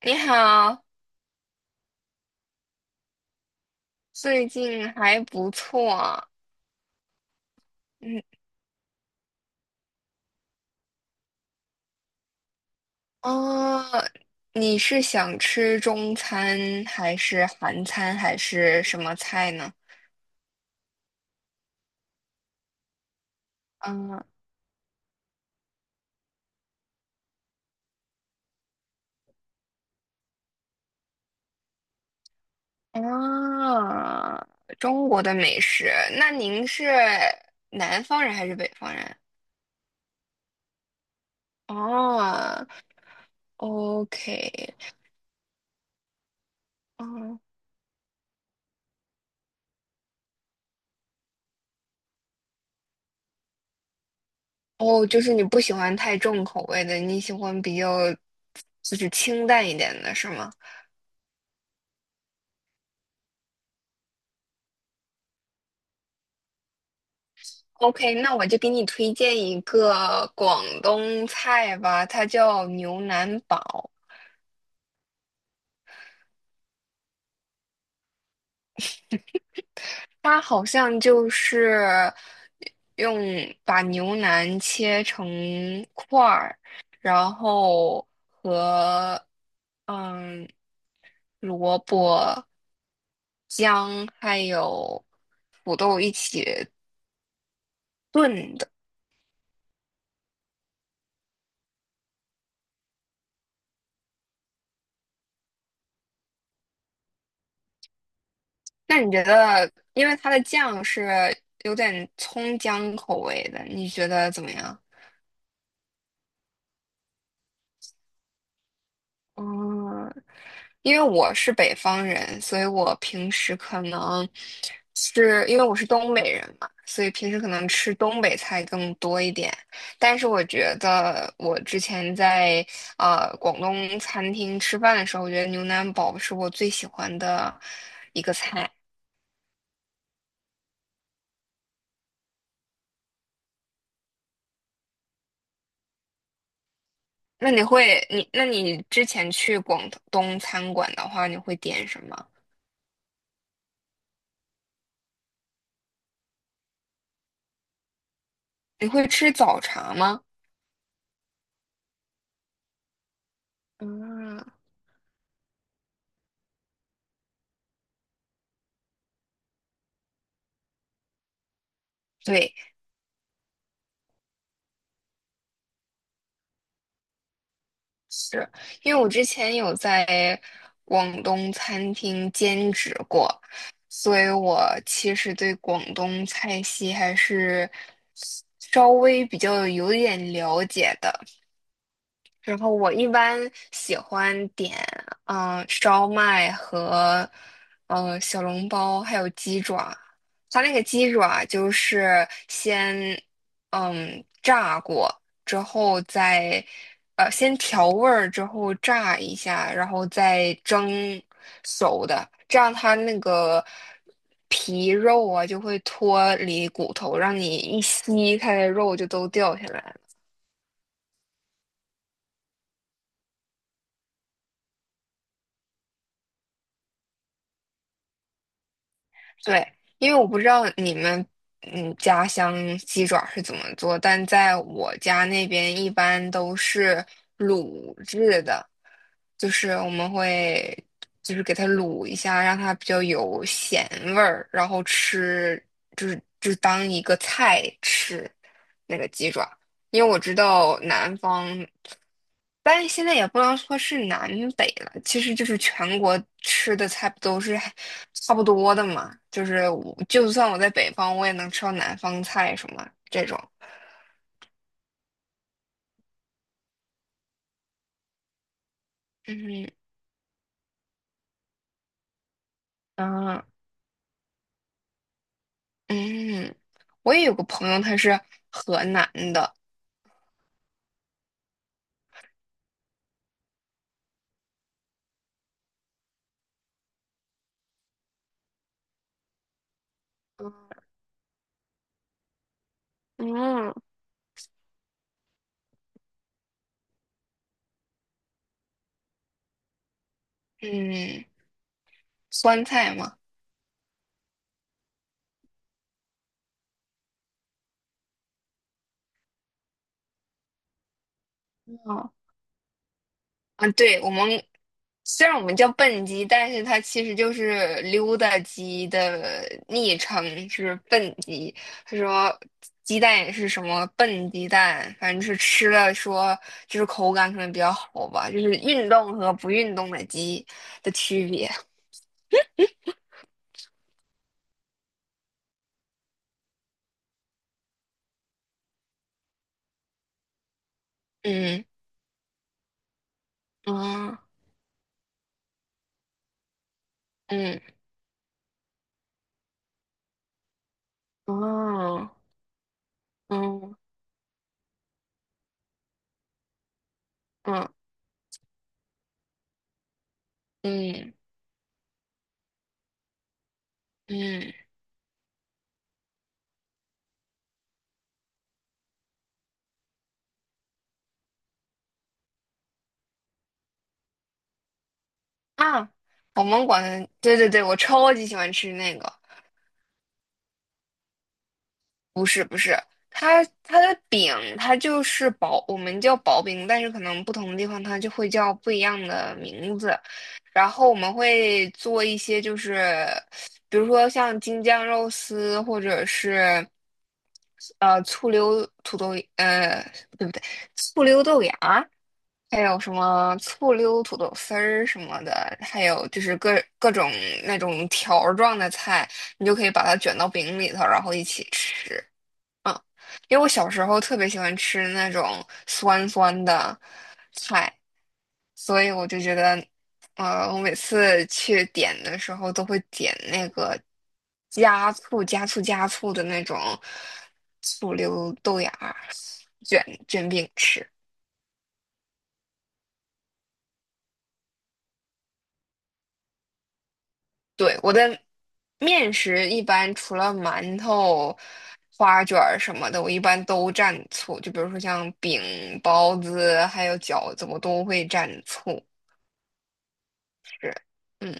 你好，最近还不错。嗯，哦，你是想吃中餐还是韩餐还是什么菜呢？嗯，啊，中国的美食。那您是南方人还是北方人？哦，OK，嗯，哦，就是你不喜欢太重口味的，你喜欢比较就是清淡一点的，是吗？OK，那我就给你推荐一个广东菜吧，它叫牛腩煲。它好像就是用把牛腩切成块儿，然后和嗯萝卜、姜还有土豆一起炖的。那你觉得，因为它的酱是有点葱姜口味的，你觉得怎么样？嗯，因为我是北方人，所以我平时可能是因为我是东北人嘛，所以平时可能吃东北菜更多一点。但是我觉得我之前在广东餐厅吃饭的时候，我觉得牛腩煲是我最喜欢的一个菜。那你会你那你之前去广东餐馆的话，你会点什么？你会吃早茶吗？嗯，对。是因为我之前有在广东餐厅兼职过，所以我其实对广东菜系还是稍微比较有一点了解的。然后我一般喜欢点，烧麦和，小笼包，还有鸡爪。它那个鸡爪就是先，嗯，炸过之后再，先调味儿之后炸一下，然后再蒸熟的，这样它那个皮肉啊就会脱离骨头，让你一吸，它的肉就都掉下来了对，因为我不知道你们家乡鸡爪是怎么做，但在我家那边一般都是卤制的，就是我们会就是给它卤一下，让它比较有咸味儿，然后吃就是就当一个菜吃那个鸡爪。因为我知道南方，但是现在也不能说是南北了，其实就是全国吃的菜不都是还差不多的嘛。就是我就算我在北方，我也能吃到南方菜什么这种。嗯嗯嗯，我也有个朋友，他是河南的，嗯，嗯，酸菜嘛，哦啊，对，我们虽然我们叫笨鸡，但是它其实就是溜达鸡的昵称，是笨鸡。他说鸡蛋也是什么笨鸡蛋，反正是吃了说就是口感可能比较好吧，就是运动和不运动的鸡的区别。嗯啊嗯啊嗯嗯嗯嗯啊，我们管对对对，我超级喜欢吃那个。不是不是，它它的饼它就是薄，我们叫薄饼，但是可能不同的地方它就会叫不一样的名字。然后我们会做一些，就是比如说像京酱肉丝，或者是醋溜土豆，呃不对不对，醋溜豆芽儿还有什么醋溜土豆丝儿什么的，还有就是各种那种条儿状的菜，你就可以把它卷到饼里头，然后一起吃。嗯，因为我小时候特别喜欢吃那种酸酸的菜，所以我就觉得，我每次去点的时候都会点那个加醋、加醋、加醋的那种醋溜豆芽儿卷卷饼吃。对，我的面食一般除了馒头、花卷儿什么的，我一般都蘸醋。就比如说像饼、包子还有饺子，我都会蘸醋。是，嗯，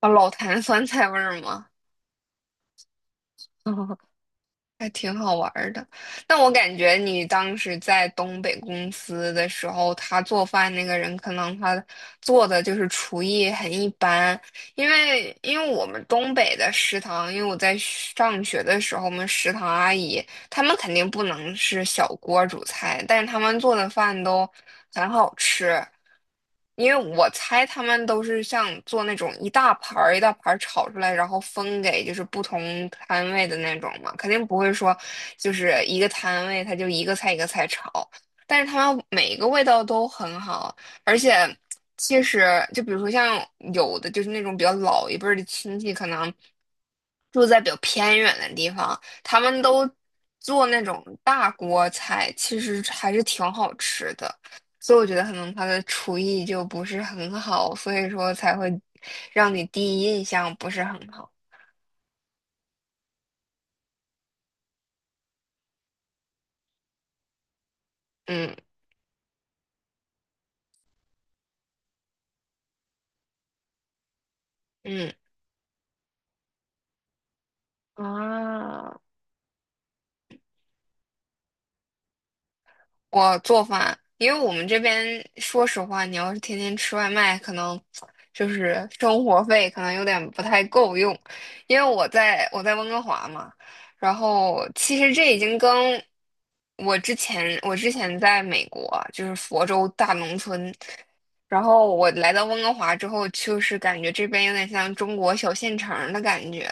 啊老坛酸菜味儿吗？还挺好玩儿的。但我感觉你当时在东北公司的时候，他做饭那个人可能他做的就是厨艺很一般，因为我们东北的食堂，因为我在上学的时候，我们食堂阿姨他们肯定不能是小锅煮菜，但是他们做的饭都很好吃。因为我猜他们都是像做那种一大盘儿一大盘儿炒出来，然后分给就是不同摊位的那种嘛，肯定不会说就是一个摊位他就一个菜一个菜炒，但是他们每一个味道都很好，而且其实就比如说像有的就是那种比较老一辈儿的亲戚，可能住在比较偏远的地方，他们都做那种大锅菜，其实还是挺好吃的。所以我觉得可能他的厨艺就不是很好，所以说才会让你第一印象不是很好。嗯嗯啊。我做饭，因为我们这边说实话，你要是天天吃外卖，可能就是生活费可能有点不太够用。因为我在温哥华嘛，然后其实这已经跟我之前在美国就是佛州大农村，然后我来到温哥华之后，就是感觉这边有点像中国小县城儿的感觉。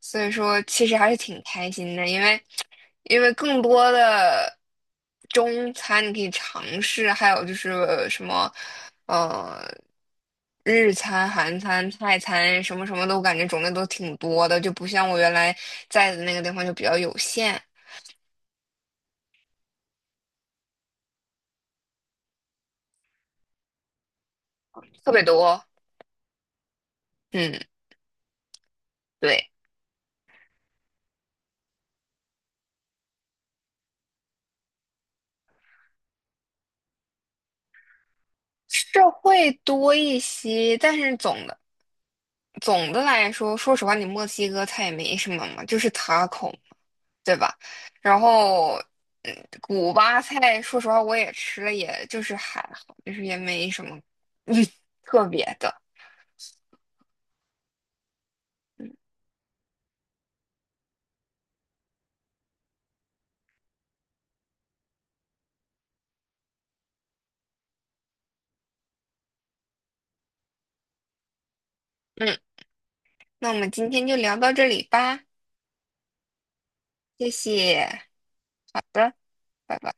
所以说其实还是挺开心的，因为更多的中餐你可以尝试，还有就是什么呃日餐、韩餐、泰餐什么什么都感觉种类都挺多的，就不像我原来在的那个地方就比较有限，特别多。嗯，对，是会多一些，但是总的。总的来说，说实话，你墨西哥菜也没什么嘛，就是塔 a 嘛，对吧？然后，嗯，古巴菜，说实话我也吃了，也就是还好，就是也没什么特别的。嗯，那我们今天就聊到这里吧，谢谢，好的，拜拜。